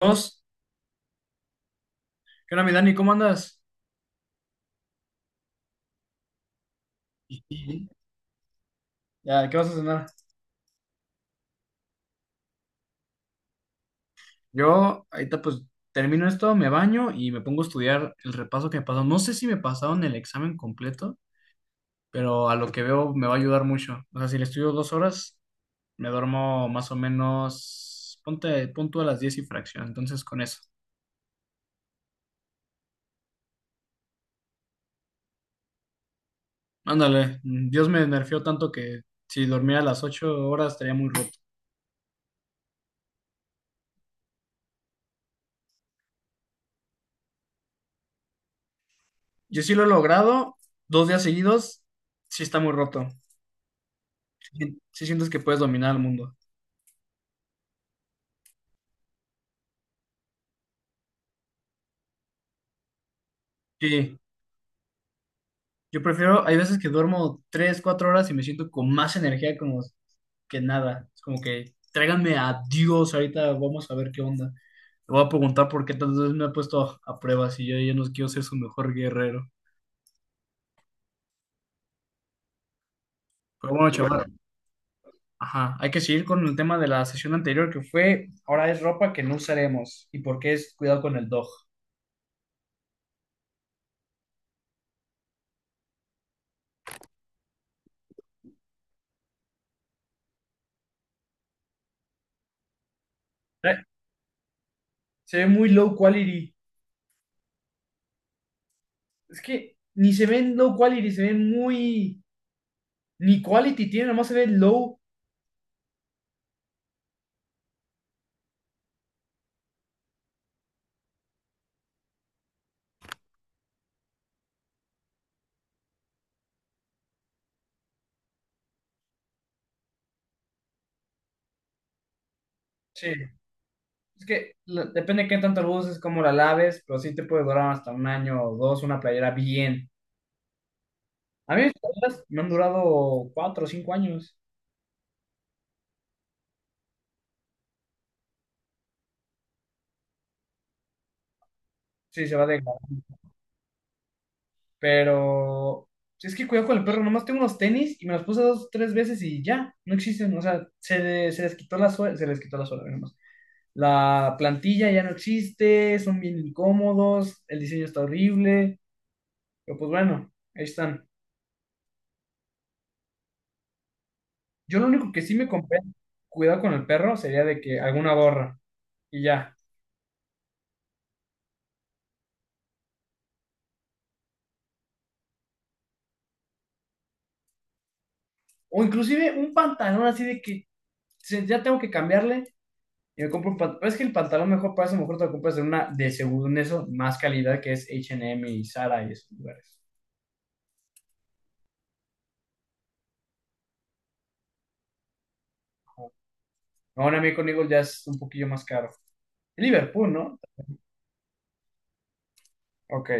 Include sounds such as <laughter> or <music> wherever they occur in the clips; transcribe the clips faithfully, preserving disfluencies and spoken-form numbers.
Dos. ¿Qué onda, mi Dani? ¿Cómo andas? Sí, ya, ¿qué vas a cenar? Yo ahorita pues termino esto, me baño y me pongo a estudiar el repaso que me pasó. No sé si me pasaron el examen completo, pero a lo que veo me va a ayudar mucho. O sea, si le estudio dos horas, me duermo más o menos, ponte, punto a las diez y fracción. Entonces con eso. Ándale, mm, Dios me nerfeó tanto que si dormía a las ocho horas estaría muy roto. Yo sí lo he logrado, dos días seguidos, sí está muy roto. Sí sientes que puedes dominar el mundo. Sí, yo prefiero, hay veces que duermo tres, cuatro horas y me siento con más energía como que nada. Es como que tráiganme a Dios, ahorita vamos a ver qué onda. Le voy a preguntar por qué tantas veces me ha puesto a prueba si yo ya no quiero ser su mejor guerrero. Pero bueno, chaval, ajá, hay que seguir con el tema de la sesión anterior que fue, ahora es ropa que no usaremos y por qué es cuidado con el dog. Eh, Se ve muy low quality. Es que ni se ven low quality, se ven muy... Ni quality tiene, nomás se ve low. Sí. Es que la- depende de qué tanto lo uses, cómo la laves, pero sí te puede durar hasta un año o dos una playera bien. A mí mis playeras me han durado cuatro o cinco años. Sí, se va degradando. Pero sí, es que cuidado con el perro, nomás tengo unos tenis y me los puse dos, tres veces y ya, no existen. O sea, se, le- se les quitó la suela, se les quitó la suela, nomás. La plantilla ya no existe, son bien incómodos, el diseño está horrible, pero pues bueno, ahí están. Yo lo único que sí me compré, cuidado con el perro, sería de que alguna gorra y ya. O inclusive un pantalón así de que se- ya tengo que cambiarle y me compro un pantalón. Es que el pantalón mejor para eso, mejor te lo compras en una de según eso, más calidad que es H and M y Zara y esos lugares. Ahora a mí con Eagle ya es un poquillo más caro. Liverpool, ¿no? Ok.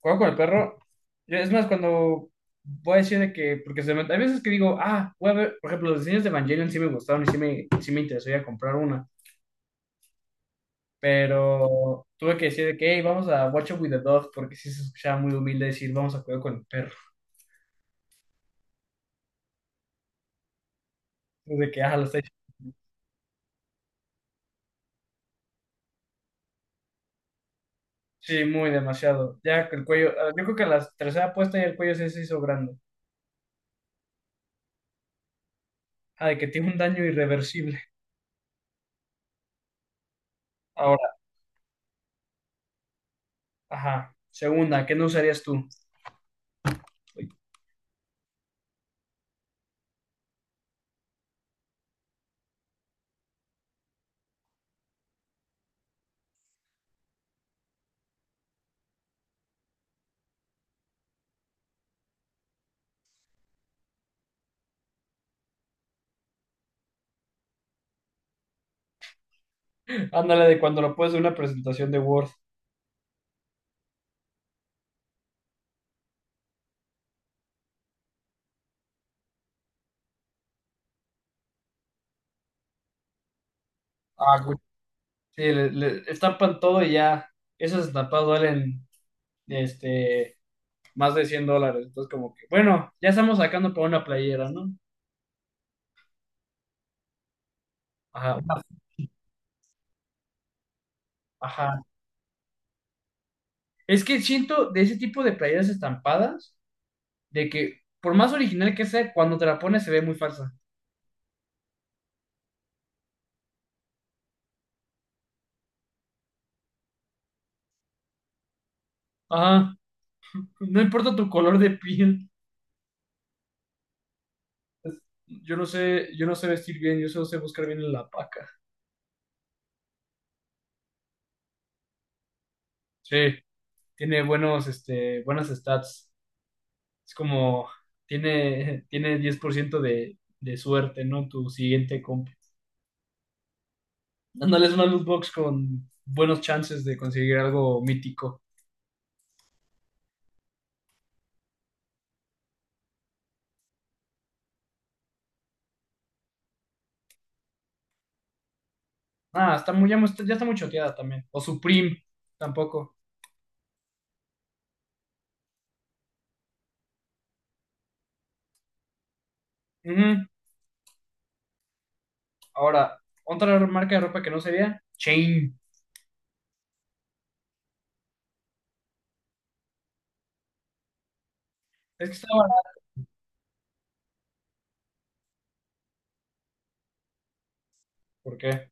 Juego con el perro. Yo, es más, cuando voy a decir de que, porque se me- hay veces que digo, ah, voy a ver, por ejemplo, los diseños de Evangelion sí me gustaron y sí me, sí me interesó ir a comprar una. Pero tuve que decir de que, hey, vamos a Watch Up with the Dog, porque sí se escuchaba muy humilde decir, vamos a cuidar con el perro. De que, ah, lo está hecho. Sí, muy demasiado. Ya que el cuello, ah, yo creo que la tercera puesta y el cuello sí se hizo grande. Ah, de que tiene un daño irreversible. Ahora, ajá. Segunda, ¿qué no usarías tú? <laughs> Ándale de cuando lo puedes de una presentación de Word. Ah, güey. Sí, le, le estampan todo y ya. Esas estampadas duelen este, más de cien dólares. Entonces, como que, bueno, ya estamos sacando para una playera, ¿no? Ajá. Ajá. Es que siento de ese tipo de playeras estampadas, de que por más original que sea, cuando te la pones se ve muy falsa. Ajá. <laughs> No importa tu color de piel. Yo no sé, yo no sé vestir bien, yo solo sé buscar bien en la paca. Sí, tiene buenos, este, buenas stats. Es como, tiene, tiene diez por ciento de, de suerte, ¿no? Tu siguiente compra. Dándole una loot box con buenos chances de conseguir algo mítico. Ah, está muy, ya, mu- ya está muy choteada también. O Supreme, tampoco. Ujú. Ahora, otra marca de ropa que no sería Chain. Es que está barato. ¿Por qué?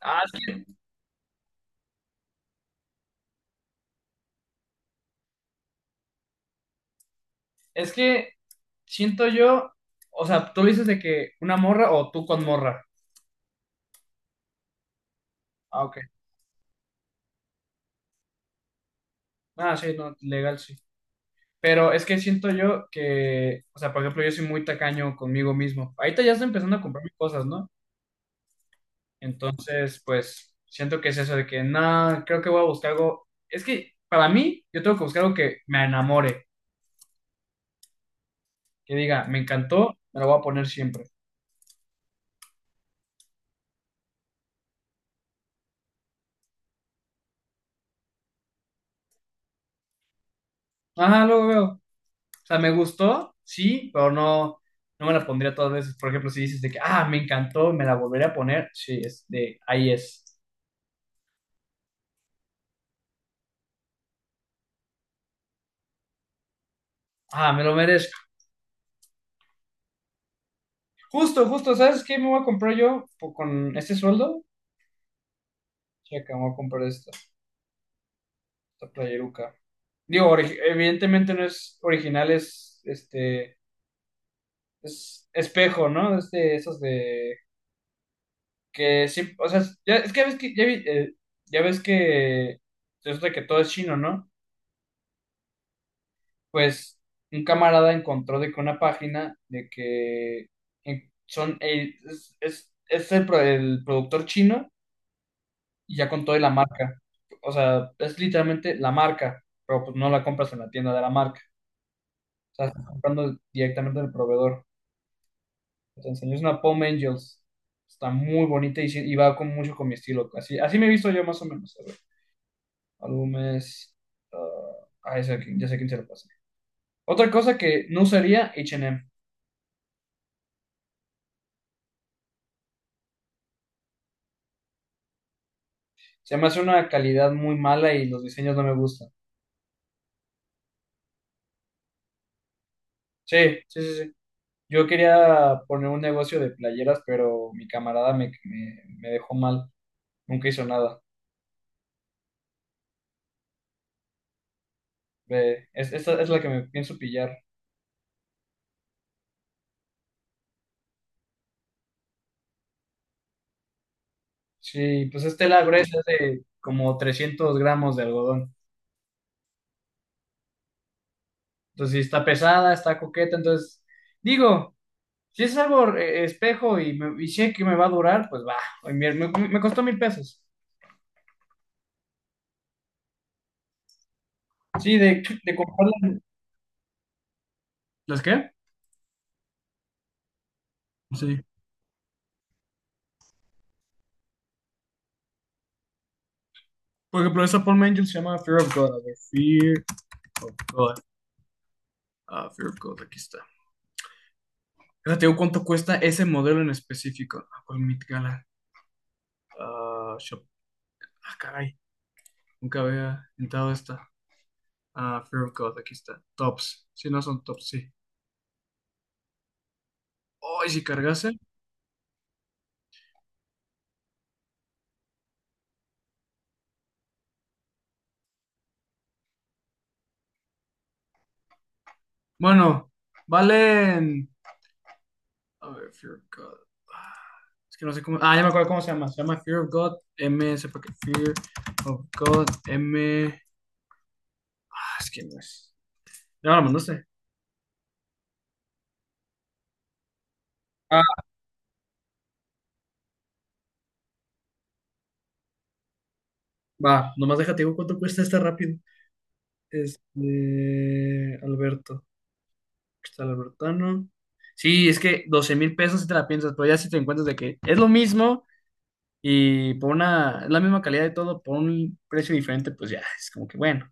Ah, es que, es que siento yo, o sea, tú dices de que una morra o tú con morra. Ah, ok. Ah, sí, no, legal, sí. Pero es que siento yo que, o sea, por ejemplo, yo soy muy tacaño conmigo mismo. Ahorita ya estoy empezando a comprarme cosas, ¿no? Entonces, pues, siento que es eso de que, nada, creo que voy a buscar algo. Es que, para mí, yo tengo que buscar algo que me enamore, que diga, me encantó, me lo voy a poner siempre. Ajá, luego veo. O sea, me gustó, sí, pero no, no me la pondría todas veces. Por ejemplo, si dices de que, ah, me encantó, me la volveré a poner, sí, es de, ahí es. Ah, me lo merezco. Justo, justo, ¿sabes qué me voy a comprar yo po- con este sueldo? Checa, me voy a comprar esta, esta playeruca. Digo, ori- evidentemente no es original, es, este, es espejo, ¿no? Este, esos de, que sí, o sea, ya, es que ya ves que, ya, vi- eh, ya ves que, resulta que todo es chino, ¿no? Pues un camarada encontró de que una página de que en- son el- es, es- es el, pro- el productor chino y ya con toda la marca. O sea, es literalmente la marca, pero pues no la compras en la tienda de la marca. O sea, estás comprando directamente del proveedor. Te enseño, es una Palm Angels. Está muy bonita y, sí- y va con mucho con mi estilo. Así, así me he visto yo más o menos. A ver, álbumes. Ah, ah, ese aquí, ya sé quién se lo pasa. Otra cosa que no usaría, H and M. Se me hace una calidad muy mala y los diseños no me gustan. Sí, sí, sí, sí. Yo quería poner un negocio de playeras, pero mi camarada me, me, me dejó mal. Nunca hizo nada. Ve, es, esta es la que me pienso pillar. Sí, pues es tela gruesa es de como trescientos gramos de algodón. Entonces, sí, está pesada, está coqueta. Entonces, digo, si es algo eh, espejo y, me, y sé que me va a durar, pues va. Me, me- me costó mil pesos. Sí, de, de comprarla. ¿Las qué? Sí. Por ejemplo, esa Paul Angel se llama Fear of God. A ver, Fear of God. Ah, Fear of God, aquí está. Ahora ¿te digo cuánto cuesta ese modelo en específico. Ah, ¿cuál Met Gala? Ah, shop. Ah, caray. Nunca había entrado esta. Ah, Fear of God, aquí está. Tops. Si no son tops, sí. Oh, ¿y si cargase? Bueno, valen. A ver, Fear of God. Ah, es que no sé cómo. Ah, ya me acuerdo cómo se llama. Se llama Fear of God M. Sepa que Fear of God M. Ah, es que no es. ¿Ya me la mandaste? Va, nomás déjate digo cuánto cuesta esta rápido. Este, Alberto. Aquí está el Albertano. Sí, es que doce mil pesos si te la piensas, pero ya si te encuentras de que es lo mismo y por una, es la misma calidad de todo, por un precio diferente, pues ya, es como que bueno.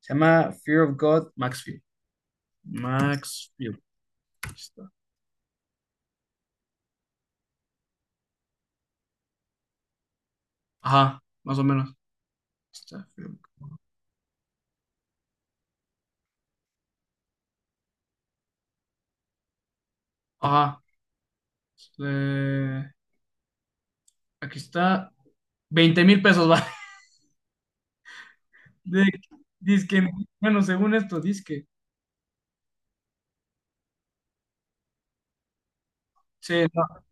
Se llama Fear of God Maxfield. Maxfield. Aquí está. Ajá, más o menos. Aquí está, Fear of God. Ajá. Eh, aquí está. Veinte mil pesos, va. <laughs> De, dizque, bueno, según esto, dizque. Sí, no,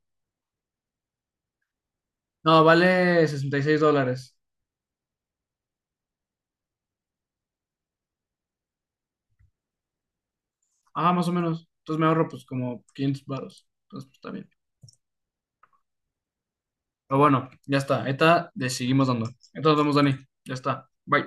no, vale sesenta y seis dólares. Ah, más o menos. Entonces me ahorro pues como quinientos baros. Entonces pues, está bien. Pero bueno, ya está. Esta le seguimos dando. Entonces nos vemos, Dani. Ya está. Bye.